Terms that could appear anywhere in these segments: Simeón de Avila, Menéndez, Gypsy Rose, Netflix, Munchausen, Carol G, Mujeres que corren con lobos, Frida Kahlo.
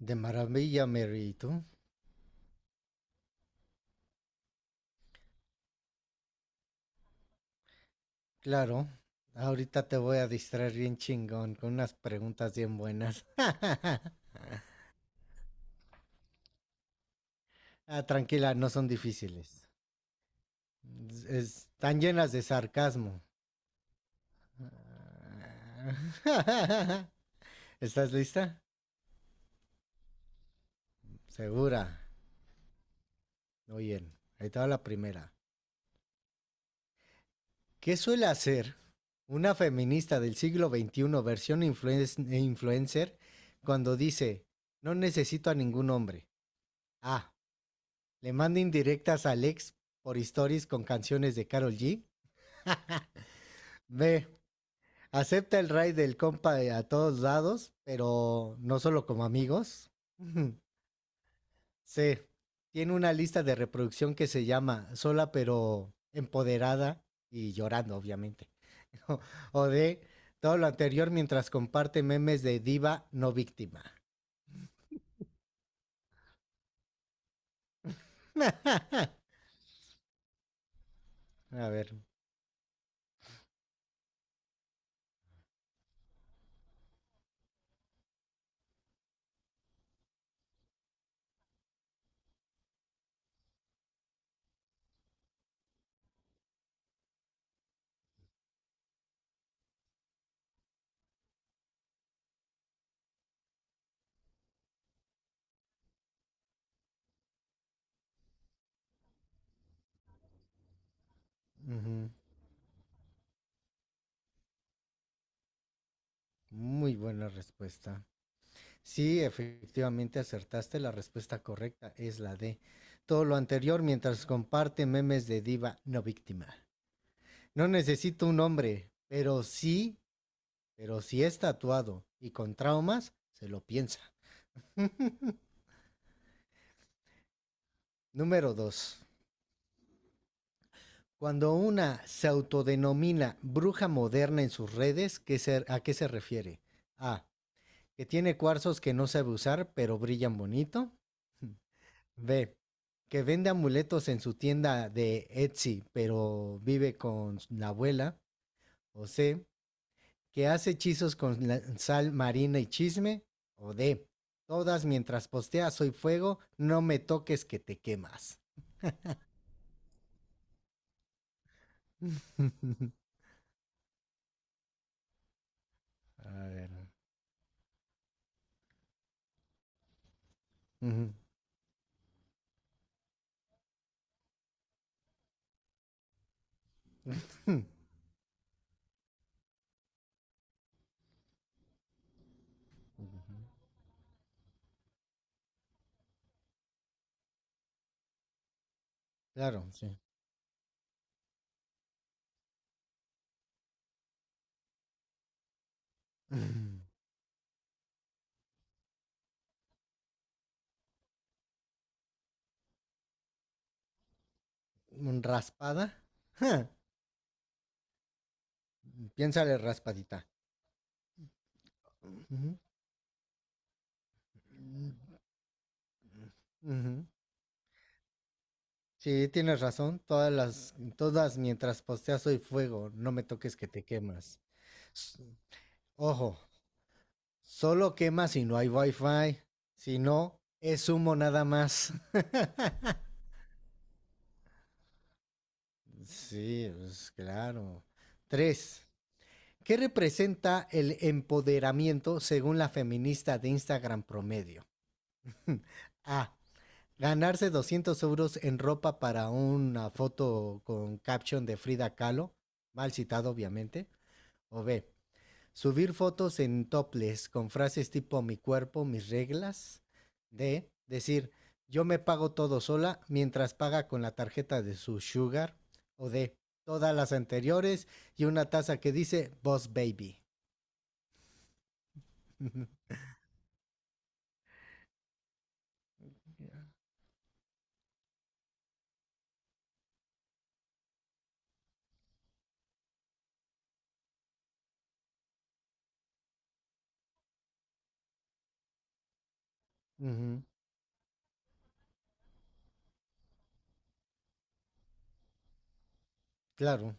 De maravilla, Mary. ¿Y tú? Claro. Ahorita te voy a distraer bien chingón con unas preguntas bien buenas. Ah, tranquila, no son difíciles. Están llenas de sarcasmo. Ah. ¿Estás lista? Segura. Muy bien. Ahí te va la primera. ¿Qué suele hacer una feminista del siglo veintiuno versión influencer cuando dice, no necesito a ningún hombre? A. Le manda indirectas a Alex por stories con canciones de Carol G. B. Acepta el raid del compa de a todos lados, pero no solo como amigos. C. Tiene una lista de reproducción que se llama Sola pero empoderada y llorando, obviamente. O D. Todo lo anterior mientras comparte memes de diva no víctima. A ver. Ujú. Muy buena respuesta. Sí, efectivamente acertaste, la respuesta correcta es la D. Todo lo anterior mientras comparte memes de diva no víctima. No necesito un hombre, pero sí, pero si es tatuado y con traumas, se lo piensa. Número 2. Cuando una se autodenomina bruja moderna en sus redes, ¿a qué se refiere? A. Que tiene cuarzos que no sabe usar, pero brillan bonito. B. Que vende amuletos en su tienda de Etsy, pero vive con la abuela. O C. Que hace hechizos con sal marina y chisme. O D. Todas mientras postea soy fuego, no me toques que te quemas. A ver. Ujú. Claro. Sí. un ¿Raspada? Piénsale raspadita. Ujú. Ujú. Sí, tienes razón. Todas mientras posteas soy fuego. No me toques que te quemas. S- Ojo, solo quema si no hay wifi. Si no, es humo nada más. Sí, pues claro. Tres. ¿Qué representa el empoderamiento según la feminista de Instagram promedio? A. Ganarse 200 euros en ropa para una foto con caption de Frida Kahlo, mal citado obviamente. O B, subir fotos en topless con frases tipo mi cuerpo, mis reglas. D, decir yo me pago todo sola mientras paga con la tarjeta de su sugar. O D, todas las anteriores y una taza que dice Boss Baby. Ujú, claro.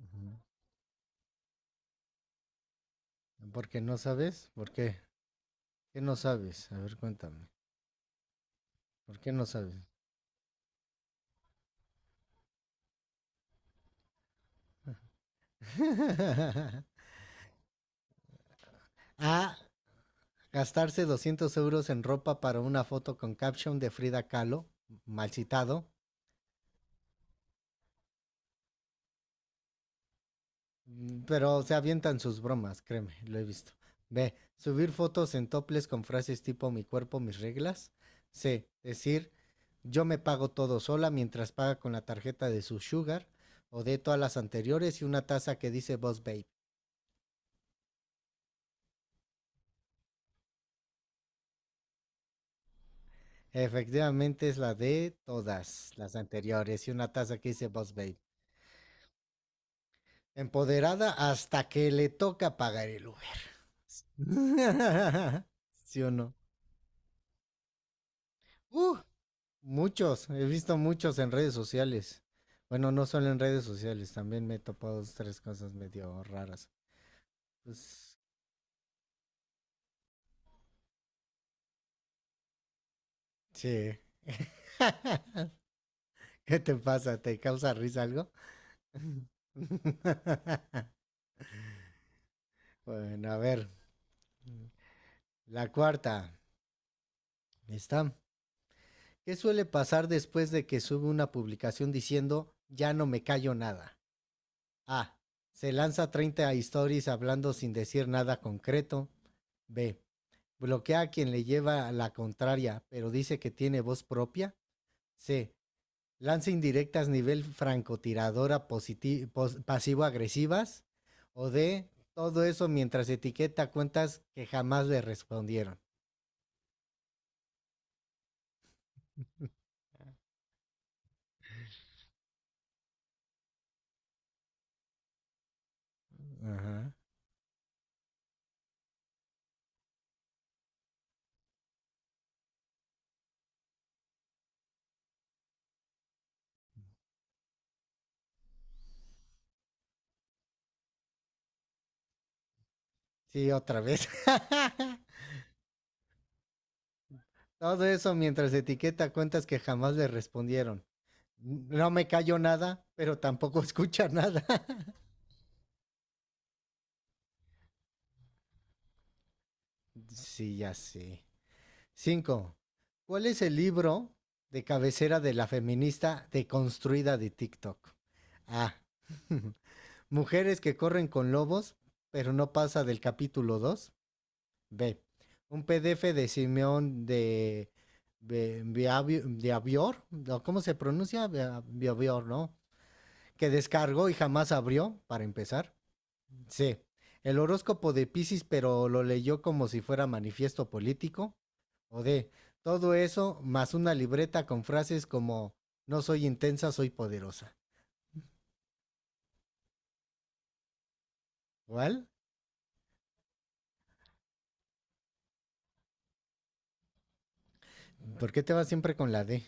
Ujú. ¿Por qué no sabes? ¿Por qué? ¿Qué no sabes? A ver, cuéntame. ¿Por qué no sabes? A, gastarse 200 euros en ropa para una foto con caption de Frida Kahlo, mal citado, pero se avientan sus bromas, créeme, lo he visto. B. Subir fotos en topless con frases tipo mi cuerpo, mis reglas. C. Decir yo me pago todo sola mientras paga con la tarjeta de su sugar o de todas las anteriores y una taza que dice Boss Babe. Efectivamente es la de todas las anteriores y una taza que dice Boss Babe. Empoderada hasta que le toca pagar el Uber. ¿Sí o no? Uh, muchos, he visto muchos en redes sociales. Bueno, no solo en redes sociales, también me he topado dos, tres cosas medio raras. Pues, sí. ¿Qué te pasa? ¿Te causa risa algo? Bueno, a ver. La cuarta. Está. ¿Qué suele pasar después de que sube una publicación diciendo ya no me callo nada? A. Se lanza 30 stories hablando sin decir nada concreto. B. Bloquea a quien le lleva la contraria, pero dice que tiene voz propia. C. Lanza indirectas nivel francotiradora pasivo-agresivas. O D. Todo eso mientras etiqueta cuentas que jamás le respondieron. Ajá. Sí, otra vez. Todo eso mientras etiqueta cuentas que jamás le respondieron. No me callo nada, pero tampoco escucha nada. Sí, ya sé. Cinco. ¿Cuál es el libro de cabecera de la feminista deconstruida de TikTok? A. Mujeres que corren con lobos, pero no pasa del capítulo dos. B. Un PDF de Simeón de Be- de Avior, ¿no? ¿Cómo se pronuncia? Bea-, ¿no? Que descargó y jamás abrió, para empezar. C. El horóscopo de Piscis pero lo leyó como si fuera manifiesto político o D. Todo eso más una libreta con frases como no soy intensa, soy poderosa. ¿Cuál? ¿Por qué te vas siempre con la D?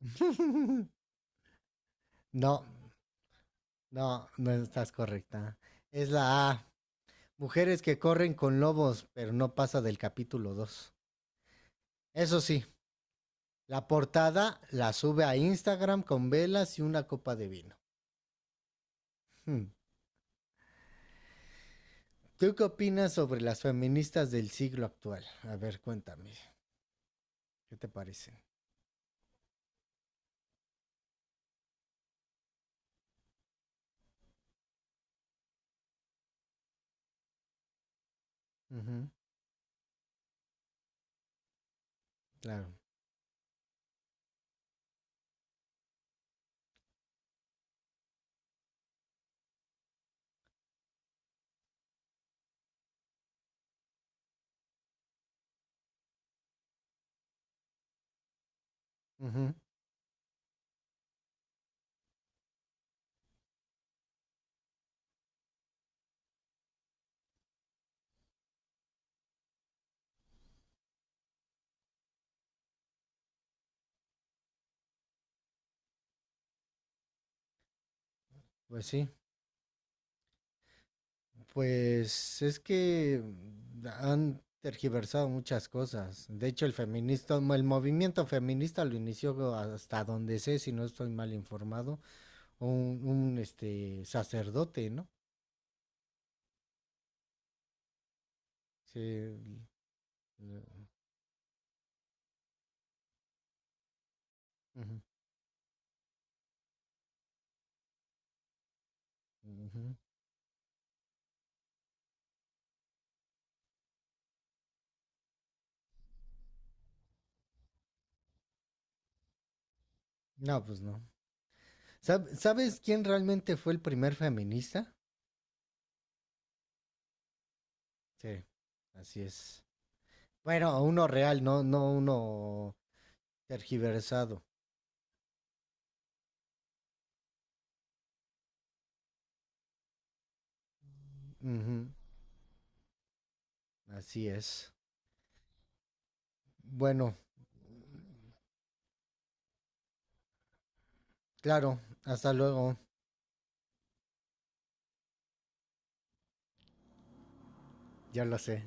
No, no, no estás correcta. Es la A. Mujeres que corren con lobos, pero no pasa del capítulo dos. Eso sí, la portada la sube a Instagram con velas y una copa de vino. Hmm. ¿Tú qué opinas sobre las feministas del siglo actual? A ver, cuéntame, ¿qué te parecen? Ujú, claro. Ujú. Pues sí, pues es que han tergiversado muchas cosas. De hecho, el feminista, el movimiento feminista lo inició hasta donde sé, si no estoy mal informado, un este sacerdote, ¿no? Sí. Ujú, ujú. No, pues no. ¿Sabes quién realmente fue el primer feminista? Sí, así es. Bueno, uno real, no, no uno tergiversado. Ujú, así es. Bueno, claro, hasta luego, ya lo sé.